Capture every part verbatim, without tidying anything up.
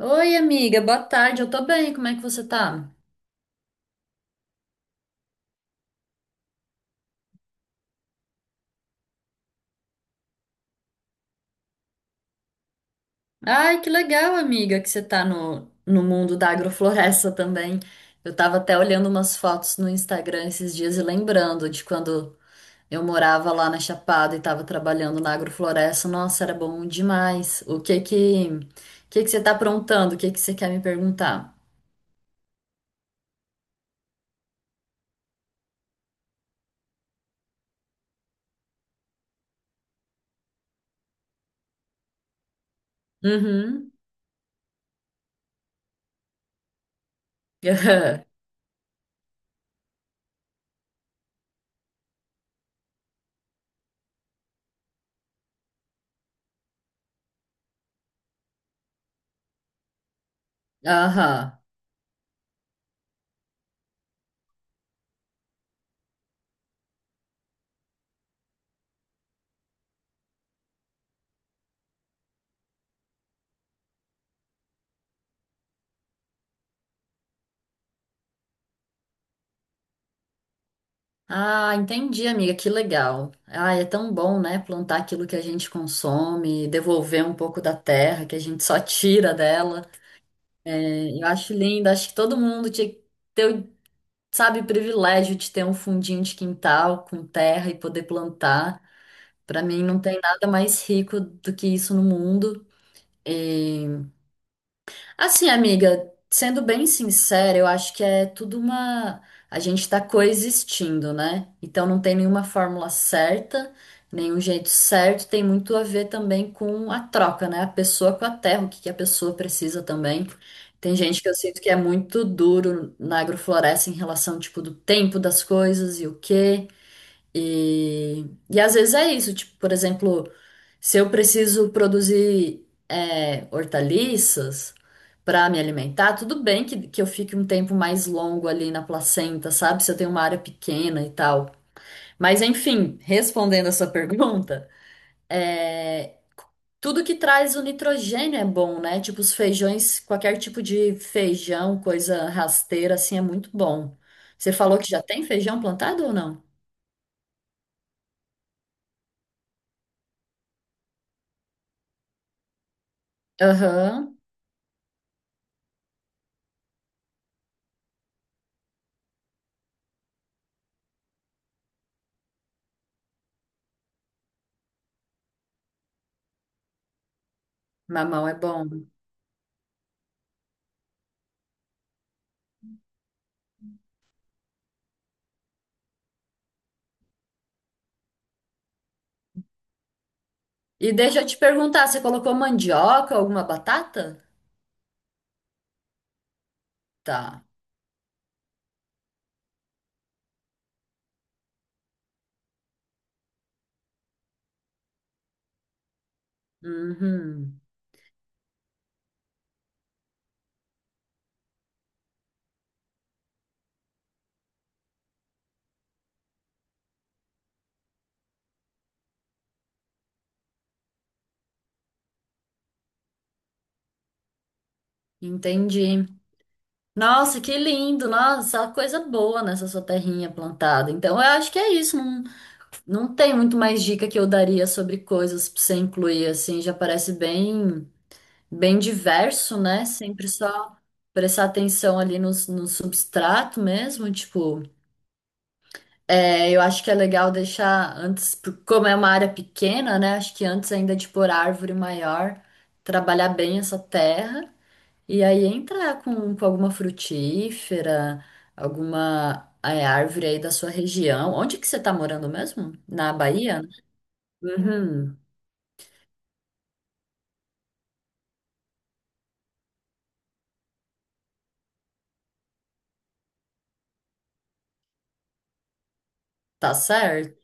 Oi, amiga, boa tarde. Eu tô bem, como é que você tá? Ai, que legal, amiga, que você tá no, no mundo da agrofloresta também. Eu tava até olhando umas fotos no Instagram esses dias e lembrando de quando eu morava lá na Chapada e tava trabalhando na agrofloresta. Nossa, era bom demais. O que que, o que que você tá aprontando? O que que você quer me perguntar? Uhum. Aham. Ah, entendi, amiga, que legal. Ah, é tão bom, né? Plantar aquilo que a gente consome, devolver um pouco da terra que a gente só tira dela. É, eu acho lindo, acho que todo mundo tinha que ter, o, sabe, o privilégio de ter um fundinho de quintal com terra e poder plantar. Para mim, não tem nada mais rico do que isso no mundo. Assim, amiga, sendo bem sincera, eu acho que é tudo uma. A gente tá coexistindo, né? Então não tem nenhuma fórmula certa, nenhum jeito certo. Tem muito a ver também com a troca, né? A pessoa com a terra, o que que a pessoa precisa também. Tem gente que eu sinto que é muito duro na agrofloresta em relação, tipo, do tempo das coisas e o quê. E, e às vezes é isso, tipo, por exemplo, se eu preciso produzir é, hortaliças para me alimentar, tudo bem que, que eu fique um tempo mais longo ali na placenta, sabe? Se eu tenho uma área pequena e tal. Mas enfim, respondendo a sua pergunta, é, tudo que traz o nitrogênio é bom, né? Tipo, os feijões, qualquer tipo de feijão, coisa rasteira, assim, é muito bom. Você falou que já tem feijão plantado ou não? Aham. Mamão é bom. E deixa eu te perguntar, você colocou mandioca, alguma batata? Tá. Uhum. Entendi. Nossa, que lindo! Nossa, só coisa boa nessa sua terrinha plantada. Então, eu acho que é isso. Não, não tem muito mais dica que eu daria sobre coisas pra você incluir, assim. Já parece bem, bem diverso, né? Sempre só prestar atenção ali no, no substrato mesmo, tipo. É, eu acho que é legal deixar antes, por- como é uma área pequena, né? Acho que antes ainda de pôr árvore maior, trabalhar bem essa terra e aí entrar com, com alguma frutífera, alguma é, árvore aí da sua região. Onde que você tá morando mesmo? Na Bahia? Uhum, tá certo.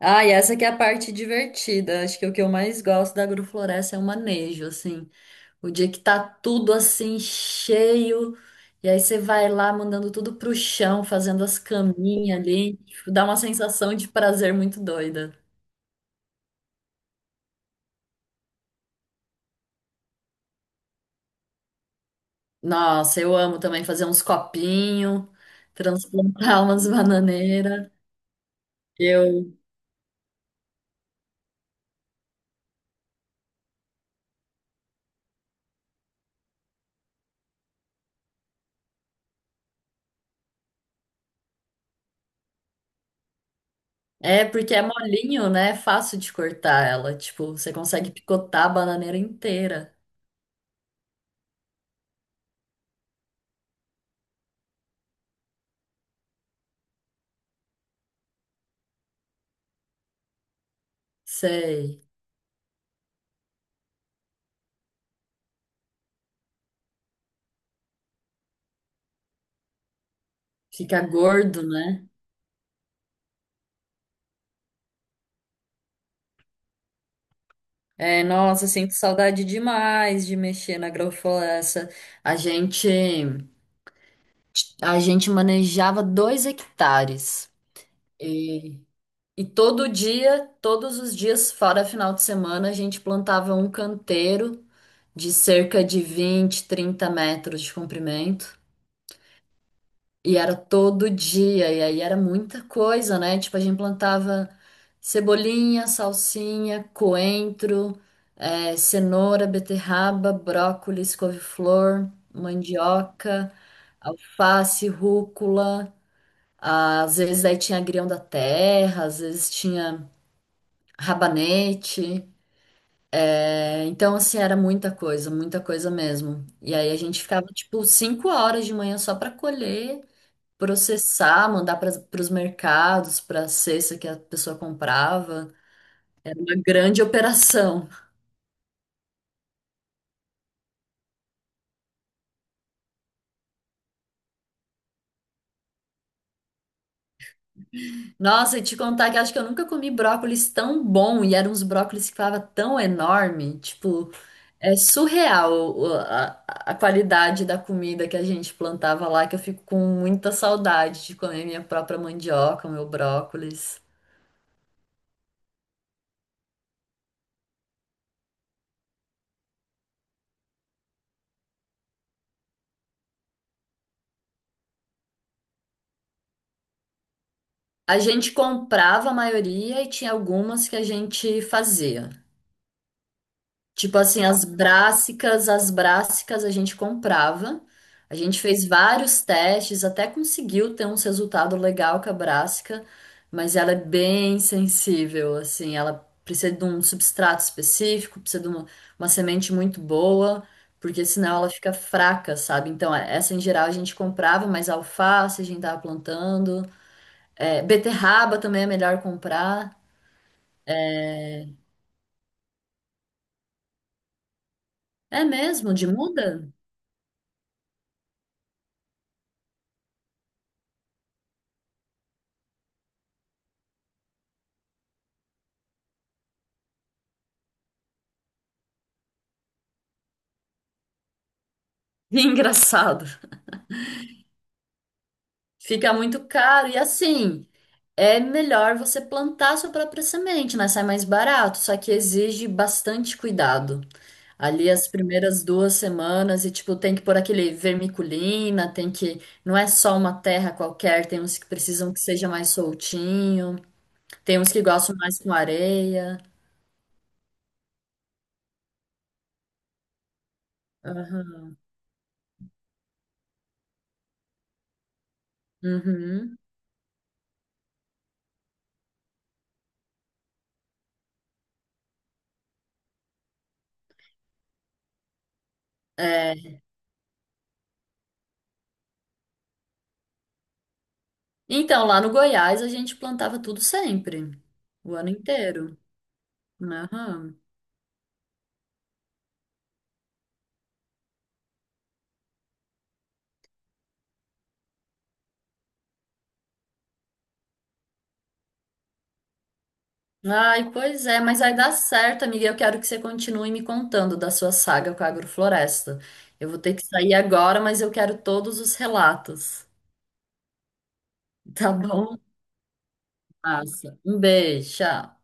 Ah, e essa que é a parte divertida. Acho que o que eu mais gosto da agrofloresta é o manejo, assim. O dia que tá tudo assim cheio, e aí você vai lá mandando tudo pro chão, fazendo as caminhas ali, tipo, dá uma sensação de prazer muito doida. Nossa, eu amo também fazer uns copinhos, transplantar umas bananeiras. Eu... É porque é molinho, né? É fácil de cortar ela. Tipo, você consegue picotar a bananeira inteira. Sei. Fica gordo, né? É, nossa, sinto saudade demais de mexer na agrofloresta. A gente, a gente manejava dois hectares. E, e todo dia, todos os dias, fora final de semana, a gente plantava um canteiro de cerca de vinte, trinta metros de comprimento. E era todo dia, e aí era muita coisa, né? Tipo, a gente plantava cebolinha, salsinha, coentro, eh, cenoura, beterraba, brócolis, couve-flor, mandioca, alface, rúcula. Ah, Às vezes aí tinha agrião da terra, às vezes tinha rabanete. Eh, Então, assim, era muita coisa, muita coisa mesmo. E aí a gente ficava, tipo, cinco horas de manhã só para colher processar, mandar para os mercados, para a cesta que a pessoa comprava. Uma grande operação. Nossa, e te contar que acho que eu nunca comi brócolis tão bom e eram uns brócolis que ficava tão enorme. Tipo, é surreal o- a, a qualidade da comida que a gente plantava lá, que eu fico com muita saudade de comer minha própria mandioca, meu brócolis. A gente comprava a maioria e tinha algumas que a gente fazia. Tipo assim, as brássicas, as brássicas a gente comprava. A gente fez vários testes, até conseguiu ter uns resultados legal com a brássica, mas ela é bem sensível, assim, ela precisa de um substrato específico, precisa de uma, uma semente muito boa, porque senão ela fica fraca, sabe? Então, é- essa em geral a gente comprava, mas alface a gente tava plantando, é, beterraba também é melhor comprar. É mesmo, de muda? Engraçado. Fica muito caro. E assim, é melhor você plantar sua própria semente, né? Sai mais barato, só que exige bastante cuidado. Ali as primeiras duas semanas, e tipo, tem que pôr aquele vermiculina, tem que. Não é só uma terra qualquer, tem uns que precisam que seja mais soltinho, tem uns que gostam mais com areia. Aham. Uhum. É. Então, lá no Goiás, a gente plantava tudo sempre, o ano inteiro. Aham. Ai, pois é, mas vai dar certo, amiga. Eu quero que você continue me contando da sua saga com a agrofloresta. Eu vou ter que sair agora, mas eu quero todos os relatos. Tá bom? Massa. Um beijo, tchau.